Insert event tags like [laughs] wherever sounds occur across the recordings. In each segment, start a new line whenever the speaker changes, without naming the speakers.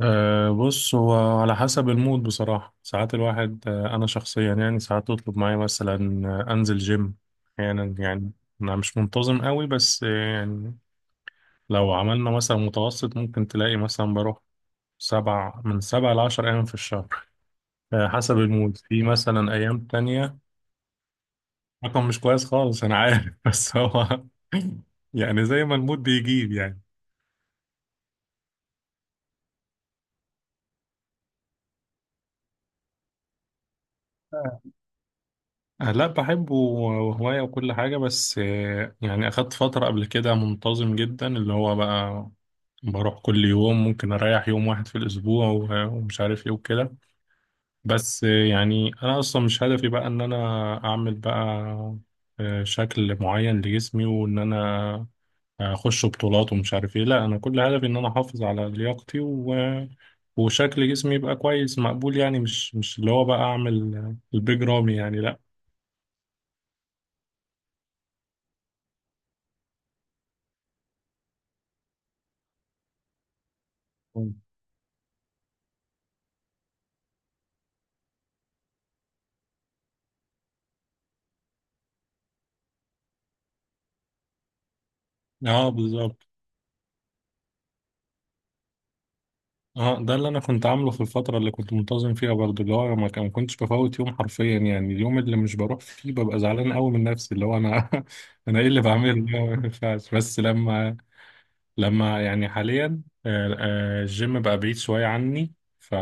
بص هو على حسب المود بصراحة. ساعات الواحد، أنا شخصيا يعني ساعات تطلب معايا مثلا، أنزل جيم أحيانا يعني. أنا مش منتظم قوي، بس يعني لو عملنا مثلا متوسط ممكن تلاقي مثلا بروح 7 من 7 ل10 أيام في الشهر. حسب المود، في مثلا أيام تانية. رقم مش كويس خالص، أنا عارف [laughs] بس هو [laughs] يعني زي ما المود بيجيب يعني. لا بحبه وهواية وكل حاجة، بس يعني أخدت فترة قبل كده منتظم جدا، اللي هو بقى بروح كل يوم، ممكن أريح يوم واحد في الأسبوع ومش عارف إيه وكده. بس يعني أنا أصلا مش هدفي بقى إن أنا أعمل بقى شكل معين لجسمي، وإن أنا أخش بطولات ومش عارف إيه. لا، أنا كل هدفي إن أنا أحافظ على لياقتي و... وشكل جسمي يبقى كويس مقبول، يعني مش اللي هو بقى أعمل البيج رامي يعني، لا. اه بالظبط. اه ده اللي انا كنت عامله في الفتره اللي كنت منتظم فيها برضه، اللي هو ما كنتش بفوت يوم حرفيا. يعني اليوم اللي مش بروح فيه ببقى زعلان قوي من نفسي، اللي هو انا [laughs] انا ايه اللي بعمله ده؟ ما ينفعش. بس لما يعني حاليا الجيم بقى بعيد شويه عني، ف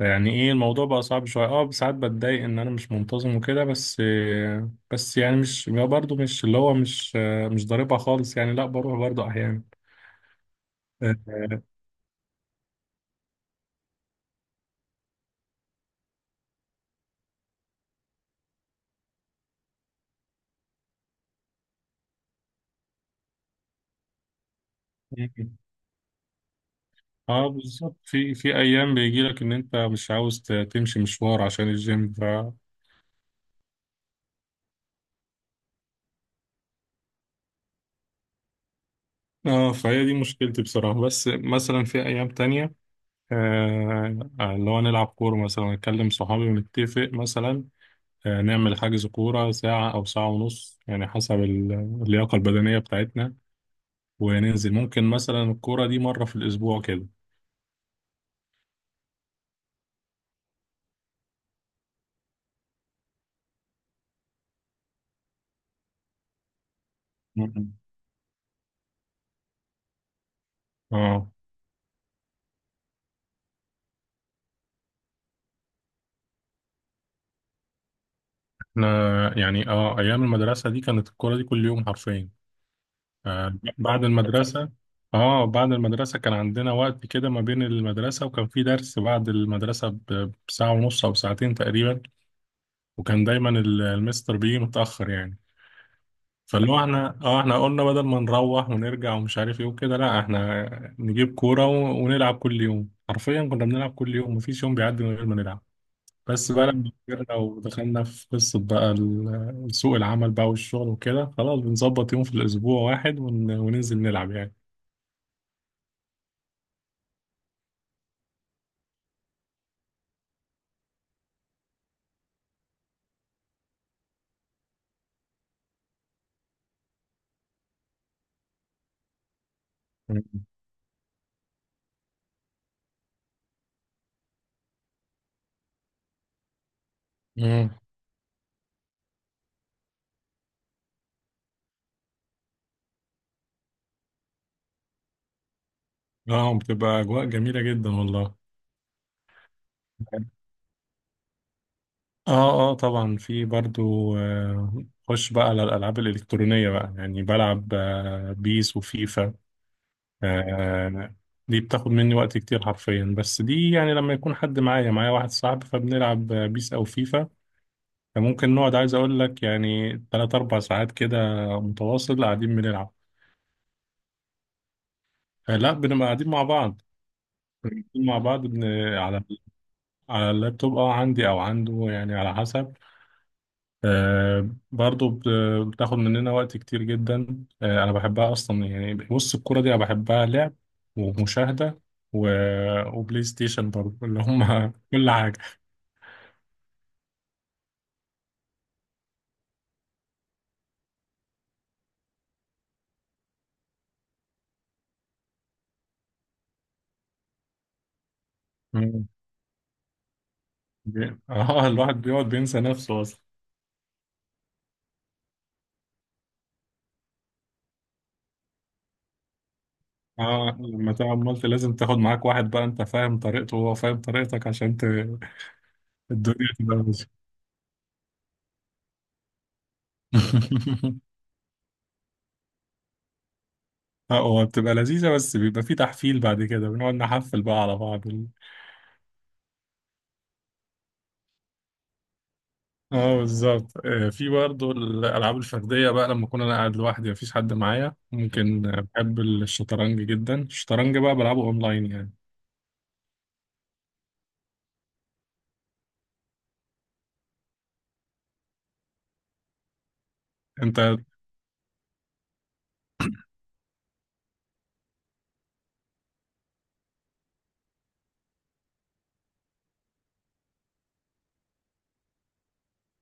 يعني ايه الموضوع بقى صعب شويه. اه ساعات بتضايق ان انا مش منتظم وكده، بس بس يعني مش برضه، مش اللي هو، مش مش ضاربها خالص يعني، لا بروح برضه احيانا. اه بالظبط، في ايام بيجي لك ان انت مش عاوز تمشي مشوار عشان الجيم، اه فهي دي مشكلتي بصراحة. بس مثلا في ايام تانية اللي هو نلعب كورة مثلا، نكلم صحابي ونتفق مثلا نعمل حجز كورة ساعة او ساعة ونص يعني، حسب اللياقة البدنية بتاعتنا، وننزل ممكن مثلا الكورة دي مرة في الاسبوع كده. مم. اه احنا يعني، اه، ايام المدرسة دي كانت الكورة دي كل يوم حرفيا بعد المدرسة. اه بعد المدرسة كان عندنا وقت كده ما بين المدرسة، وكان في درس بعد المدرسة بساعة ونص أو ساعتين تقريبا، وكان دايما المستر بيجي متأخر يعني. فاللي هو احنا، اه قلنا بدل ما نروح ونرجع ومش عارف ايه وكده، لا احنا نجيب كورة ونلعب كل يوم. حرفيا كنا بنلعب كل يوم مفيش يوم بيعدي من غير ما نلعب. بس بقى لما كبرنا ودخلنا في قصة بقى سوق العمل بقى والشغل وكده، خلاص بنظبط يوم في الأسبوع واحد وننزل نلعب يعني. مم. اه بتبقى اجواء جميله جدا والله. اه طبعا في برضو خش بقى على الالعاب الالكترونيه بقى يعني، بلعب بيس وفيفا. آه، دي بتاخد مني وقت كتير حرفيا، بس دي يعني لما يكون حد معايا، واحد صاحبي، فبنلعب بيس او فيفا. فممكن نقعد عايز اقول لك يعني 3 4 ساعات كده متواصل قاعدين بنلعب. لا بنبقى قاعدين مع بعض. قاعدين مع بعض بن... على اللابتوب. اه عندي او عنده يعني، على حسب. آه برضو بتاخد مننا وقت كتير جدا. آه أنا بحبها أصلا يعني. بص الكورة دي أنا بحبها لعب ومشاهدة و... وبلاي ستيشن برضو، اللي هم [laughs] كل حاجة. مم. اه الواحد بيقعد بينسى نفسه أصلا. اه لما تلعب مالتي لازم تاخد معاك واحد بقى أنت فاهم طريقته وهو فاهم طريقتك عشان ت... الدنيا تبقى ماشية. [laughs] اه هو بتبقى لذيذة، بس بيبقى في تحفيل، بعد كده بنقعد نحفل بقى على بعض. اه بالظبط في برضه الالعاب الفرديه بقى لما اكون انا قاعد لوحدي مفيش حد معايا، ممكن، بحب الشطرنج جدا. الشطرنج بقى بلعبه اونلاين يعني. انت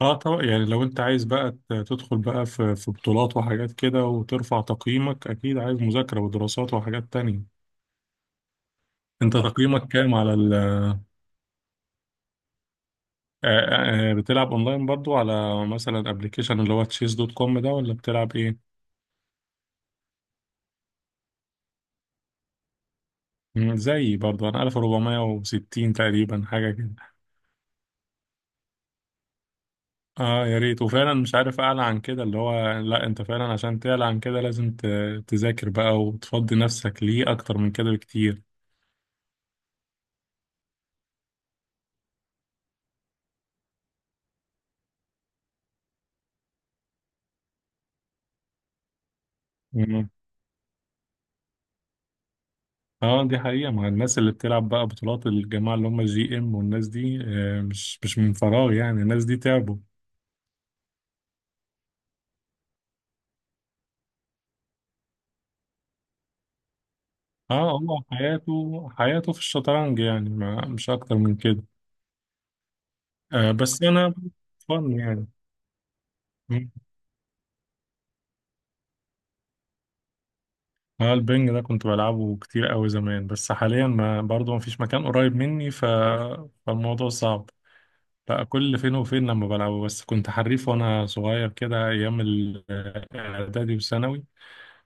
اه طبعا يعني لو انت عايز بقى تدخل بقى في بطولات وحاجات كده وترفع تقييمك، اكيد عايز مذاكره ودراسات وحاجات تانية. انت تقييمك كام على ال بتلعب اونلاين برضو على مثلا ابلكيشن اللي هو تشيس دوت كوم ده، ولا بتلعب ايه؟ مم، زيي برضو انا 1460 تقريبا حاجه كده. اه يا ريت. وفعلا مش عارف اعلى عن كده، اللي هو لا، انت فعلا عشان تعلى عن كده لازم تذاكر بقى وتفضي نفسك ليه اكتر من كده بكتير. مم. اه دي حقيقة. مع الناس اللي بتلعب بقى بطولات، الجماعة اللي هم GM والناس دي، آه، مش من فراغ يعني، الناس دي تعبوا. اه هو حياته، في الشطرنج يعني، ما مش اكتر من كده. آه بس انا فن يعني. مم. اه البنج ده كنت بلعبه كتير قوي زمان، بس حاليا ما برضه ما فيش مكان قريب مني ف... فالموضوع صعب. لا كل فين وفين لما بلعبه، بس كنت حريف وانا صغير كده ايام الاعدادي والثانوي،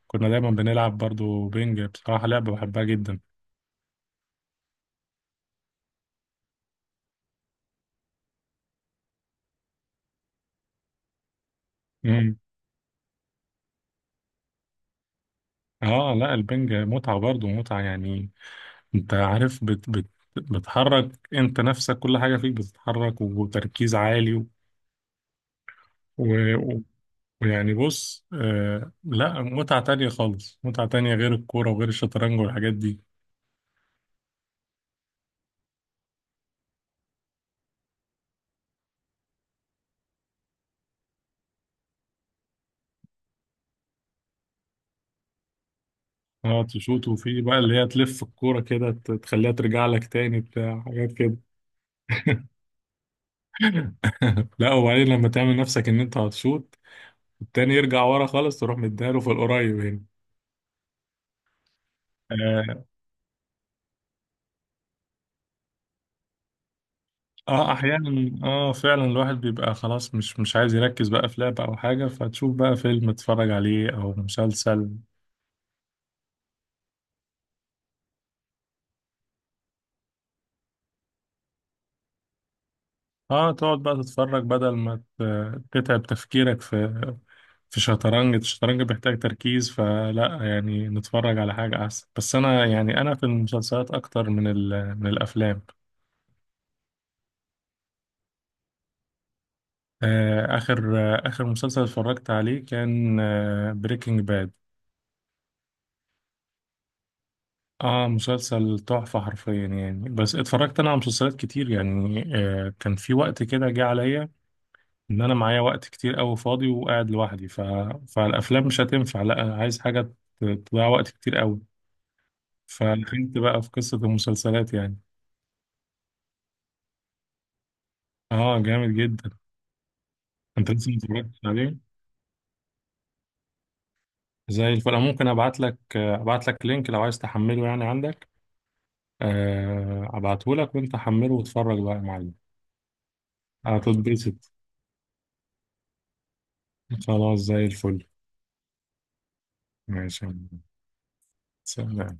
كنا دايما بنلعب برضو بينج. بصراحة لعبة بحبها جدا. امم اه لا البنج متعة، برضو متعة يعني. انت عارف، بت بت بتحرك انت نفسك، كل حاجة فيك بتتحرك، وتركيز عالي و- ويعني بص لا متعة تانية خالص، متعة تانية غير الكورة وغير الشطرنج والحاجات دي. اه تشوط، وفي بقى اللي هي تلف الكورة كده تخليها ترجع لك تاني بتاع حاجات كده. [laughs] لا، وبعدين لما تعمل نفسك ان انت هتشوط، التاني يرجع ورا خالص تروح مديها له في القريب هنا. اه احيانا، اه فعلا الواحد بيبقى خلاص مش عايز يركز بقى في لعبة او حاجة، فتشوف بقى فيلم تتفرج عليه او مسلسل. اه تقعد بقى تتفرج بدل ما تتعب تفكيرك في شطرنج. الشطرنج بيحتاج تركيز، فلا يعني نتفرج على حاجة أحسن. بس أنا يعني، أنا في المسلسلات أكتر من من الأفلام. آخر مسلسل اتفرجت عليه كان بريكنج باد. اه مسلسل تحفة حرفيا يعني. بس اتفرجت أنا على مسلسلات كتير يعني، كان في وقت كده جه عليا إن أنا معايا وقت كتير أوي فاضي وقاعد لوحدي ف... فالأفلام مش هتنفع. لا، أنا عايز حاجة تضيع وقت كتير أوي، فدخلت بقى في قصة المسلسلات يعني. اه جامد جدا. انت لسه ما اتفرجتش عليه؟ زي الفل. أنا ممكن ابعت لك، لينك لو عايز تحمله يعني، عندك. ابعته لك وانت حمله واتفرج بقى يا معلم. هتتبسط. خلاص زي الفل. ماشي يا معلم. سلام.